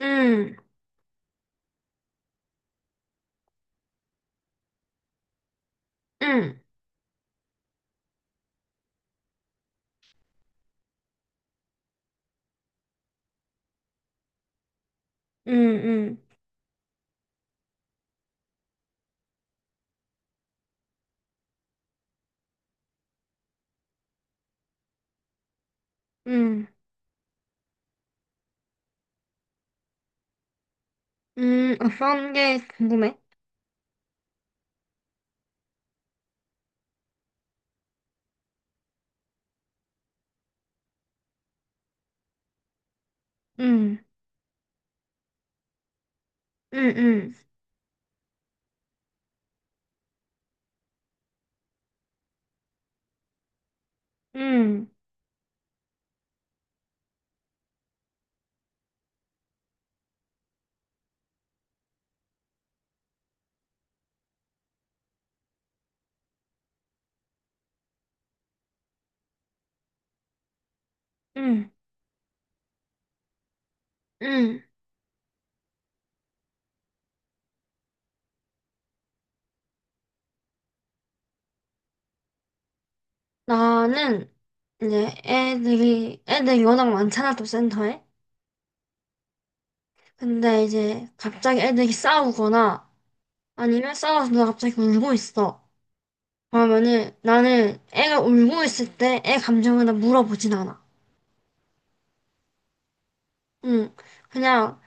응, 응, 응, 응, 응, 응, 어떤 게 궁금해? 응, 응, 응, 응, 응, 응. 나는 이제 애들이 워낙 많잖아, 또 센터에. 근데 이제 갑자기 애들이 싸우거나 아니면 싸워서 누가 갑자기 울고 있어. 그러면은 나는 애가 울고 있을 때 애 감정을 나 물어보진 않아. 응, 그냥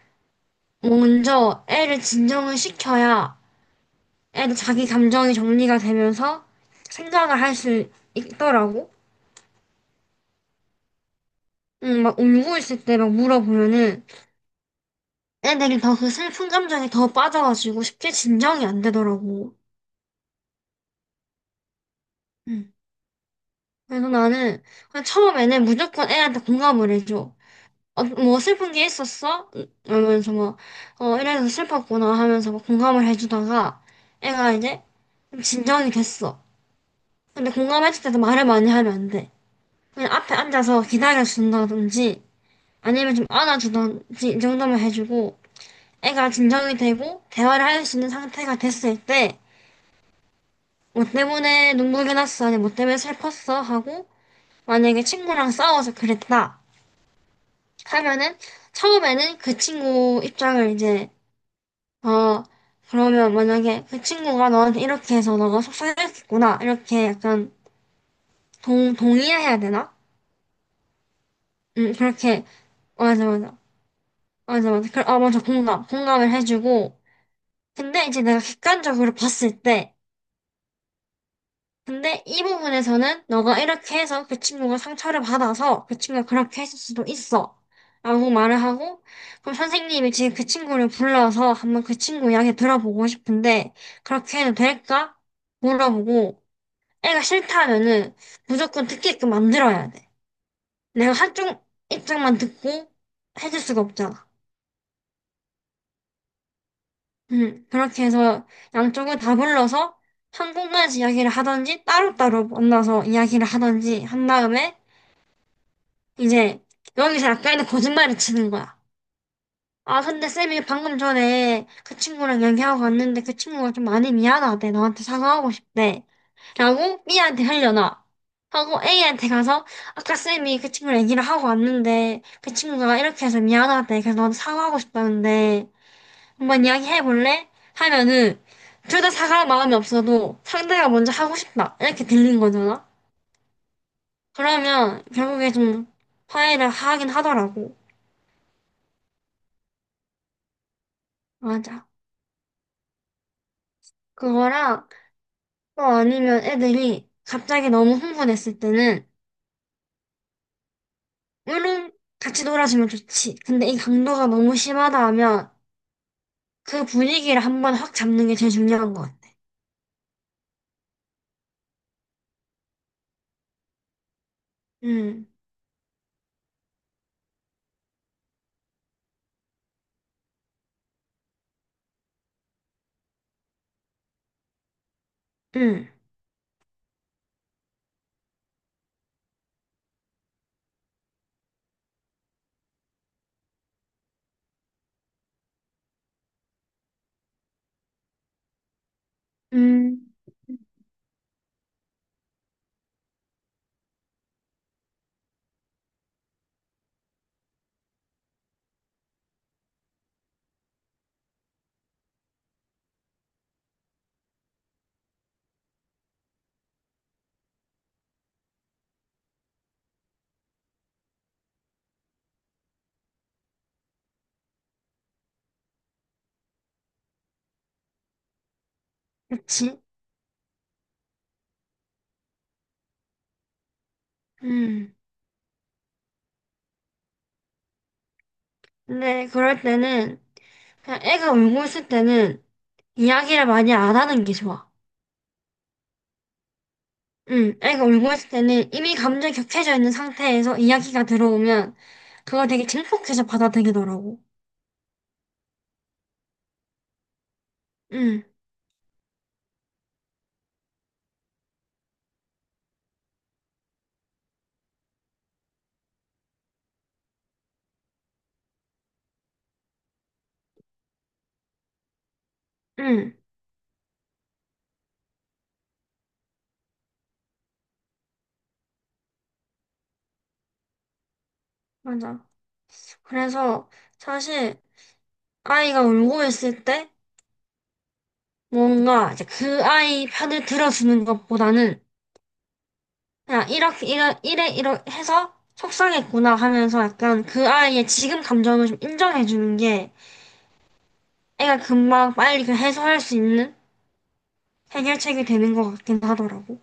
먼저 애를 진정을 시켜야 애도 자기 감정이 정리가 되면서 생각을 할 수 있더라고. 응, 막 울고 있을 때 막 물어보면은 애들이 더 그 슬픈 감정에 더 빠져가지고 쉽게 진정이 안 되더라고. 응, 그래서 나는 그냥 처음에는 무조건 애한테 공감을 해줘. 어, 뭐 슬픈 게 있었어? 이러면서 막, 어, 이래서 슬펐구나 하면서 막 공감을 해주다가 애가 이제 좀 진정이 됐어. 근데 공감했을 때도 말을 많이 하면 안 돼. 그냥 앞에 앉아서 기다려준다든지 아니면 좀 안아주던지 이 정도만 해주고 애가 진정이 되고 대화를 할 수 있는 상태가 됐을 때 뭐 때문에 눈물이 났어 아니 뭐 때문에 슬펐어 하고 만약에 친구랑 싸워서 그랬다 하면은 처음에는 그 친구 입장을 이제 어 그러면 만약에 그 친구가 너한테 이렇게 해서 너가 속상했겠구나 이렇게 약간 동 동의해야 되나? 그렇게 맞아 맞아 맞아 맞아 그, 아 맞아 공감 공감을 해주고 근데 이제 내가 객관적으로 봤을 때, 근데 이 부분에서는 너가 이렇게 해서 그 친구가 상처를 받아서 그 친구가 그렇게 했을 수도 있어. 라고 말을 하고, 그럼 선생님이 지금 그 친구를 불러서 한번 그 친구 이야기 들어보고 싶은데, 그렇게 해도 될까? 물어보고, 애가 싫다면은 무조건 듣게끔 만들어야 돼. 내가 한쪽 입장만 듣고 해줄 수가 없잖아. 그렇게 해서 양쪽을 다 불러서 한 공간에서 이야기를 하든지 따로따로 만나서 이야기를 하든지 한 다음에 이제 여기서 약간의 거짓말을 치는 거야. 아, 근데 쌤이 방금 전에 그 친구랑 얘기하고 왔는데 그 친구가 좀 많이 미안하대. 너한테 사과하고 싶대. 라고 B한테 흘려놔. 하고 A한테 가서 아까 쌤이 그 친구랑 얘기를 하고 왔는데 그 친구가 이렇게 해서 미안하대. 그래서 너한테 사과하고 싶다는데 한번 이야기 해볼래? 하면은 둘 다 사갈 마음이 없어도 상대가 먼저 하고 싶다 이렇게 들린 거잖아. 그러면 결국에 좀 화해를 하긴 하더라고. 맞아. 그거랑 또 아니면 애들이 갑자기 너무 흥분했을 때는 물론 같이 놀아주면 좋지. 근데 이 강도가 너무 심하다 하면 그 분위기를 한번 확 잡는 게 제일 중요한 것 같아. 음, 음, 음, 그치? 음. 근데 그럴 때는 그냥 애가 울고 있을 때는 이야기를 많이 안 하는 게 좋아. 응, 애가 울고 있을 때는 이미 감정이 격해져 있는 상태에서 이야기가 들어오면 그걸 되게 증폭해서 받아들이더라고. 응, 응, 맞아. 그래서 사실 아이가 울고 있을 때 뭔가 이제 그 아이 편을 들어주는 것보다는 그냥 이렇게, 이래, 이래, 이래 해서 속상했구나 하면서 약간 그 아이의 지금 감정을 좀 인정해주는 게 애가 금방 빨리 그 해소할 수 있는 해결책이 되는 것 같긴 하더라고.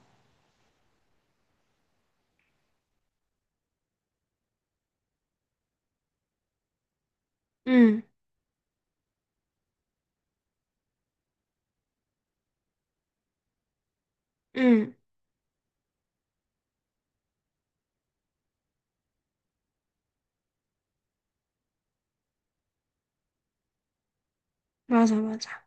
응, 응, 맞아, 맞아.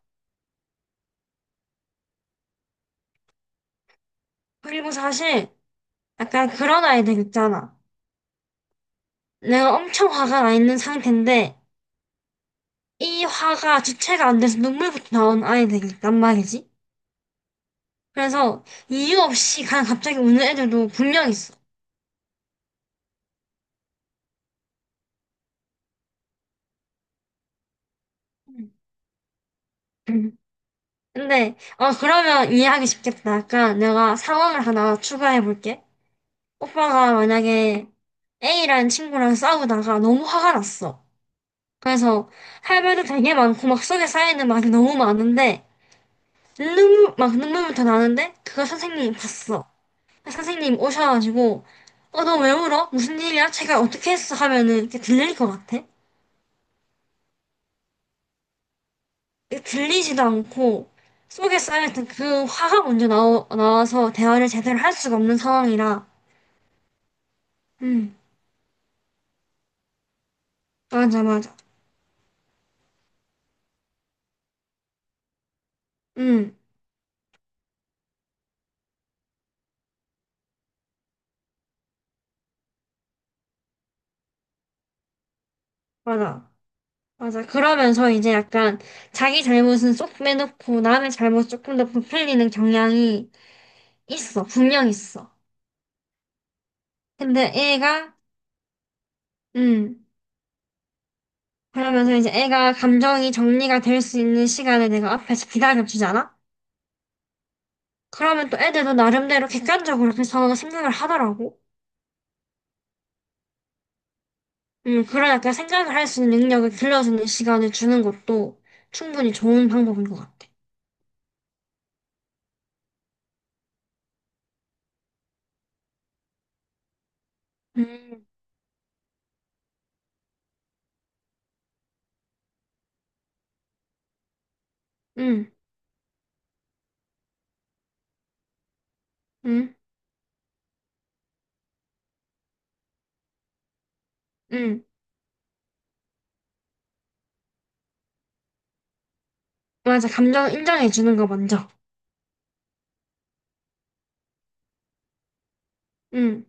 그리고 사실 약간 그런 아이들 있잖아. 내가 엄청 화가 나 있는 상태인데 이 화가 주체가 안 돼서 눈물부터 나오는 아이들이 있단 말이지. 그래서 이유 없이 그냥 갑자기 우는 애들도 분명 있어. 응. 응. 근데 어 그러면 이해하기 쉽겠다. 약간 내가 상황을 하나 추가해 볼게. 오빠가 만약에 A라는 친구랑 싸우다가 너무 화가 났어. 그래서 할 말도 되게 많고 막 속에 쌓여있는 말이 너무 많은데 눈물 막 눈물부터 나는데 그걸 선생님이 봤어. 선생님 오셔가지고 어 너 왜 울어? 무슨 일이야? 제가 어떻게 했어? 하면은 이렇게 들릴 것 같아. 이게 들리지도 않고 속에 쌓여있던 그 화가 먼저 나와서 대화를 제대로 할 수가 없는 상황이라 음 맞아 맞아 음 맞아 맞아 그러면서 이제 약간 자기 잘못은 쏙 빼놓고 남의 잘못 조금 더 부풀리는 경향이 있어, 분명 있어. 근데 음, 그러면서 이제 애가 감정이 정리가 될 수 있는 시간을 내가 앞에서 기다려주잖아? 그러면 또 애들도 나름대로 객관적으로 그 상황을 생각을 하더라고. 그러니까 생각을 할 수 있는 능력을 길러주는 시간을 주는 것도 충분히 좋은 방법인 것 같아. 음, 음, 음, 음. 맞아, 감정을 인정해주는 거 먼저. 음,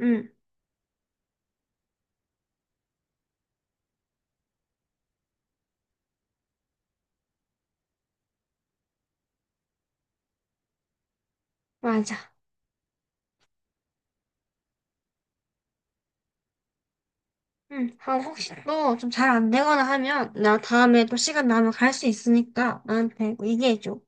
음, 맞아. 응, 아, 혹시 또 좀 잘 안 되거나 하면, 나 다음에 또 시간 나면 갈 수 있으니까 나한테 얘기해줘.